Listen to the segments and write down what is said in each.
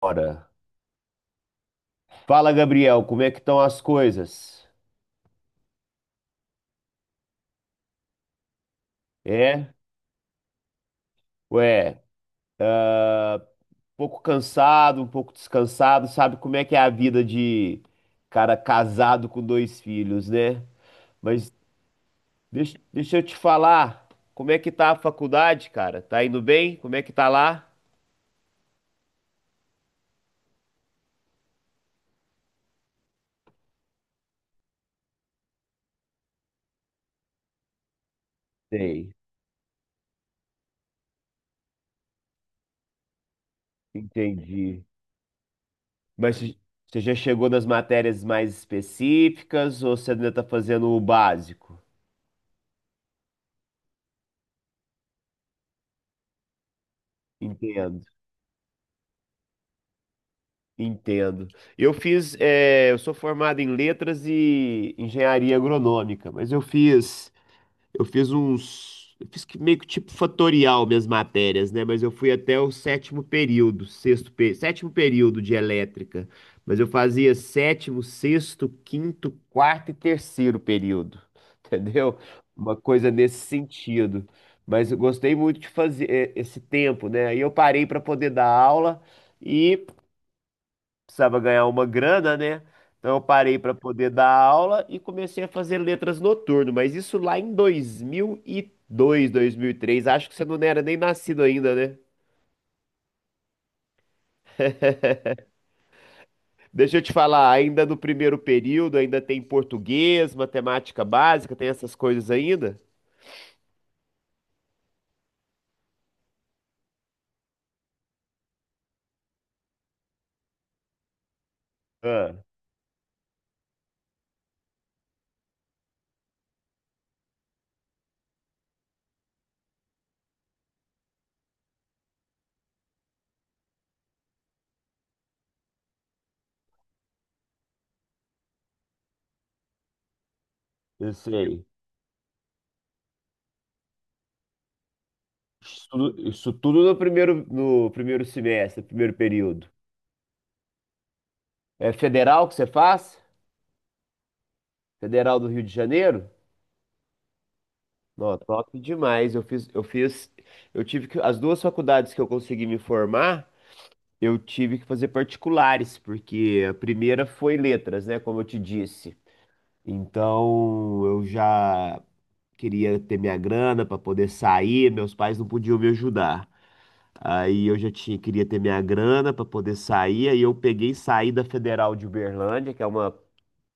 Ora. Fala, Gabriel, como é que estão as coisas? É? Ué, um pouco cansado, um pouco descansado, sabe como é que é a vida de cara casado com dois filhos, né? Mas deixa eu te falar, como é que tá a faculdade, cara? Tá indo bem? Como é que tá lá? Sei, entendi. Mas você já chegou nas matérias mais específicas ou você ainda tá fazendo o básico? Entendo. Entendo. Eu sou formado em letras e engenharia agronômica, mas eu fiz que meio que tipo fatorial minhas matérias, né? Mas eu fui até o sétimo período, sexto, sétimo período de elétrica, mas eu fazia sétimo, sexto, quinto, quarto e terceiro período, entendeu? Uma coisa nesse sentido. Mas eu gostei muito de fazer esse tempo, né? Aí eu parei para poder dar aula. E precisava ganhar uma grana, né? Então eu parei para poder dar aula e comecei a fazer letras noturno, mas isso lá em 2002, dois mil e três. Acho que você não era nem nascido ainda, né? Deixa eu te falar, ainda no primeiro período, ainda tem português, matemática básica, tem essas coisas ainda? Ah, eu sei. Isso tudo no primeiro, no primeiro semestre, primeiro período. É federal que você faz? Federal do Rio de Janeiro? Não, top demais. Eu tive que, as duas faculdades que eu consegui me formar, eu tive que fazer particulares, porque a primeira foi letras, né, como eu te disse. Então, eu já queria ter minha grana para poder sair, meus pais não podiam me ajudar. Aí eu já tinha, queria ter minha grana para poder sair, aí eu peguei e saí da Federal de Uberlândia, que é uma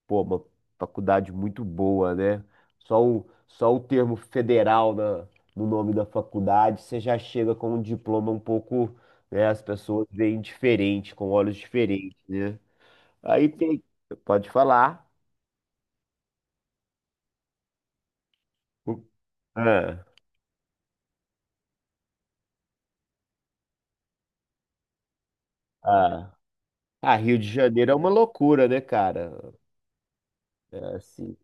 pô, uma faculdade muito boa, né? Só o, só o termo federal na, no nome da faculdade, você já chega com um diploma um pouco, né? As pessoas veem diferente, com olhos diferentes, né? Aí tem, pode falar. Ah, ah, ah, Rio de Janeiro é uma loucura, né, cara? É assim,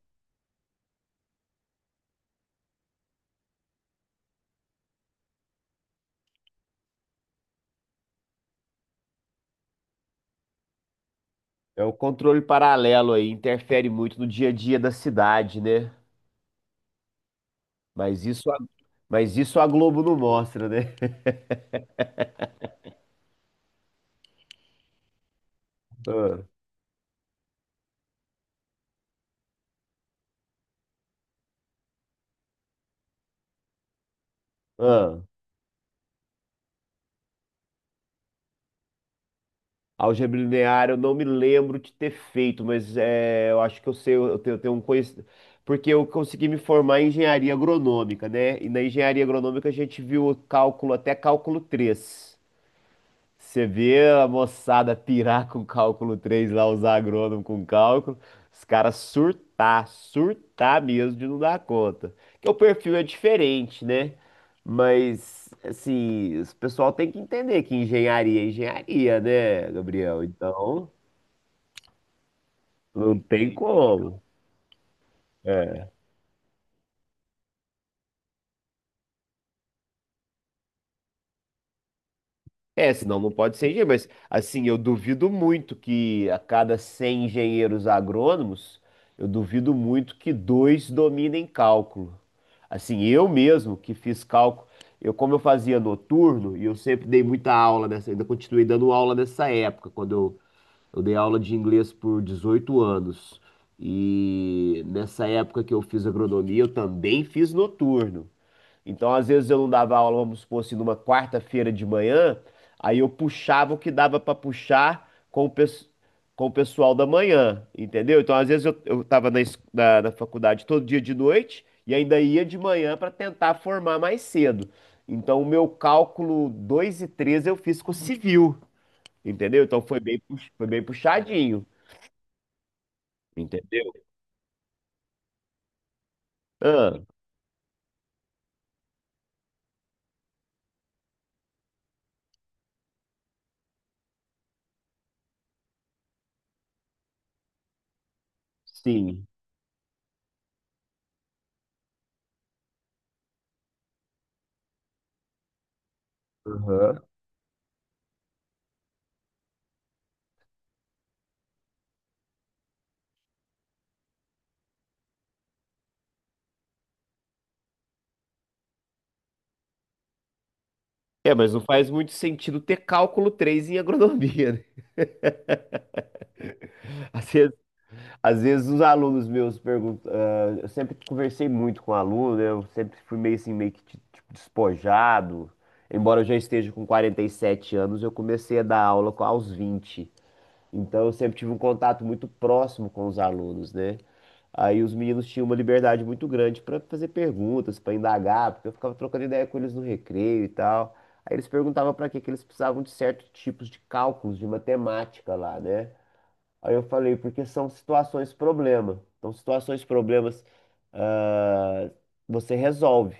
é o controle paralelo aí, interfere muito no dia a dia da cidade, né? Mas isso, a- mas isso a Globo não mostra, né? Ah, ah. Álgebra linear, eu não me lembro de ter feito, mas é, eu acho que eu sei, eu tenho um conhecimento. Porque eu consegui me formar em engenharia agronômica, né? E na engenharia agronômica a gente viu o cálculo até cálculo três. Você vê a moçada pirar com cálculo 3 lá, usar agrônomo com cálculo, os caras surtar, surtar mesmo de não dar conta. Que o perfil é diferente, né? Mas, assim, o pessoal tem que entender que engenharia é engenharia, né, Gabriel? Então, não tem como. É, senão não pode ser engenheiro, mas assim, eu duvido muito que a cada 100 engenheiros agrônomos, eu duvido muito que dois dominem cálculo. Assim, eu mesmo que fiz cálculo, eu como eu fazia noturno e eu sempre dei muita aula nessa, ainda continuei dando aula nessa época, quando eu dei aula de inglês por 18 anos. E nessa época que eu fiz agronomia, eu também fiz noturno. Então, às vezes eu não dava aula, vamos supor assim, numa quarta-feira de manhã, aí eu puxava o que dava pra puxar com o pessoal da manhã, entendeu? Então, às vezes eu tava na faculdade todo dia de noite e ainda ia de manhã pra tentar formar mais cedo. Então, o meu cálculo 2 e 3 eu fiz com civil, entendeu? Então, foi bem, foi bem puxadinho, entendeu? Ah, sim. Aham. É, mas não faz muito sentido ter cálculo 3 em agronomia, né? Às vezes Às vezes os alunos meus perguntam, ah, eu sempre conversei muito com aluno, né? Eu sempre fui meio assim, meio que tipo, despojado. Embora eu já esteja com 47 anos, eu comecei a dar aula aos 20. Então eu sempre tive um contato muito próximo com os alunos, né? Aí os meninos tinham uma liberdade muito grande para fazer perguntas, para indagar, porque eu ficava trocando ideia com eles no recreio e tal. Aí eles perguntavam para que que eles precisavam de certos tipos de cálculos, de matemática lá, né? Aí eu falei, porque são situações problema. Então, situações problemas, ah, você resolve.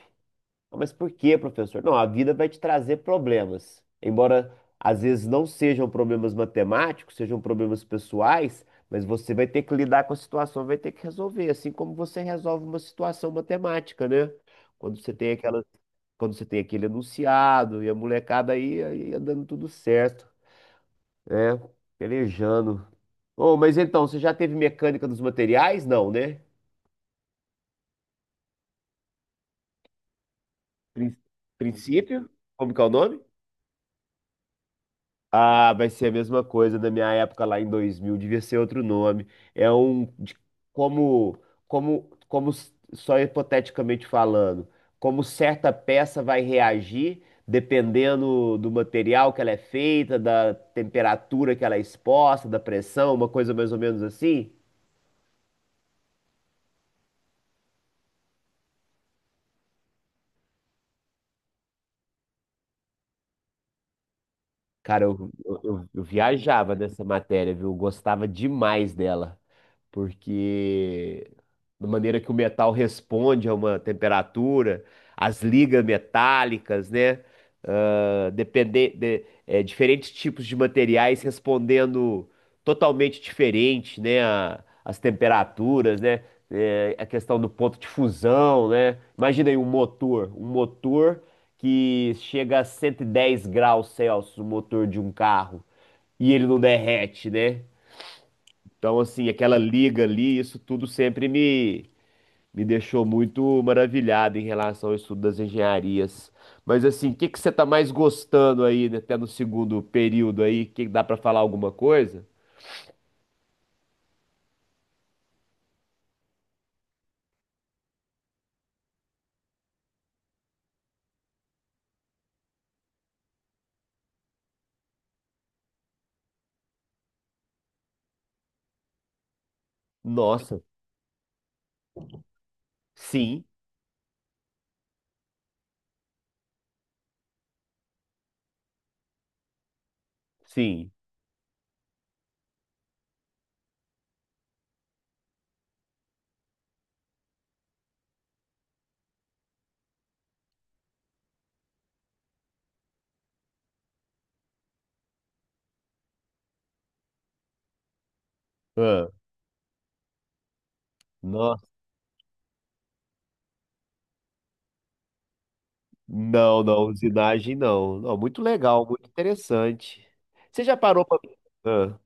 "Ah, mas por quê, professor? Não, a vida vai te trazer problemas. Embora às vezes não sejam problemas matemáticos, sejam problemas pessoais, mas você vai ter que lidar com a situação, vai ter que resolver, assim como você resolve uma situação matemática, né? Quando você tem aquela, quando você tem aquele enunciado e a molecada aí, aí ia dando tudo certo. É, pelejando. Oh, mas então, você já teve mecânica dos materiais? Não, né? Prin- Princípio? Como que é o nome? Ah, vai ser a mesma coisa da minha época lá em 2000. Devia ser outro nome. É um de- como só hipoteticamente falando, como certa peça vai reagir dependendo do material que ela é feita, da temperatura que ela é exposta, da pressão, uma coisa mais ou menos assim. Cara, eu viajava nessa matéria, viu? Eu gostava demais dela, porque da maneira que o metal responde a uma temperatura, as ligas metálicas, né? Ah, depende, diferentes tipos de materiais respondendo totalmente diferente, né? As temperaturas, né? É, a questão do ponto de fusão, né? Imagina aí um motor que chega a 110 °C, o motor de um carro, e ele não derrete, né? Então, assim, aquela liga ali, isso tudo sempre me, me deixou muito maravilhado em relação ao estudo das engenharias. Mas, assim, o que que você tá mais gostando aí, né, até no segundo período aí? Que dá para falar alguma coisa? Nossa, sim, sim. Ah, não, não, usinagem não. Não, muito legal, muito interessante. Você já parou para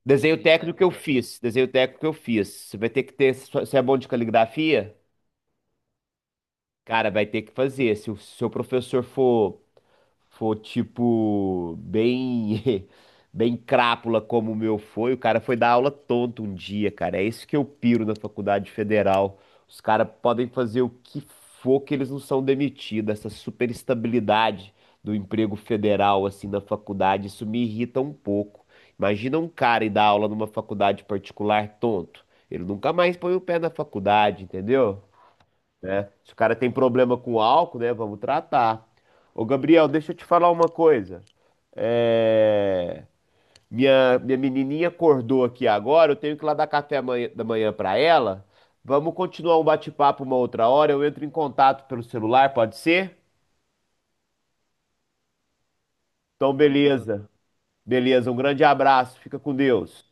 desenho técnico que eu fiz, desenho técnico que eu fiz. Você vai ter que ter, você é bom de caligrafia, cara, vai ter que fazer. Se o seu professor for tipo bem bem crápula como o meu foi, o cara foi dar aula tonto um dia, cara. É isso que eu piro na faculdade federal. Os caras podem fazer o que for que eles não são demitidos. Essa super estabilidade do emprego federal assim na faculdade, isso me irrita um pouco. Imagina um cara ir dar aula numa faculdade particular tonto. Ele nunca mais põe o pé na faculdade, entendeu? Né? Se o cara tem problema com álcool, né? Vamos tratar. Ô, Gabriel, deixa eu te falar uma coisa. É, Minha menininha acordou aqui agora, eu tenho que ir lá dar café da manhã pra ela. Vamos continuar um bate-papo uma outra hora. Eu entro em contato pelo celular, pode ser? Então, beleza. Beleza, um grande abraço. Fica com Deus.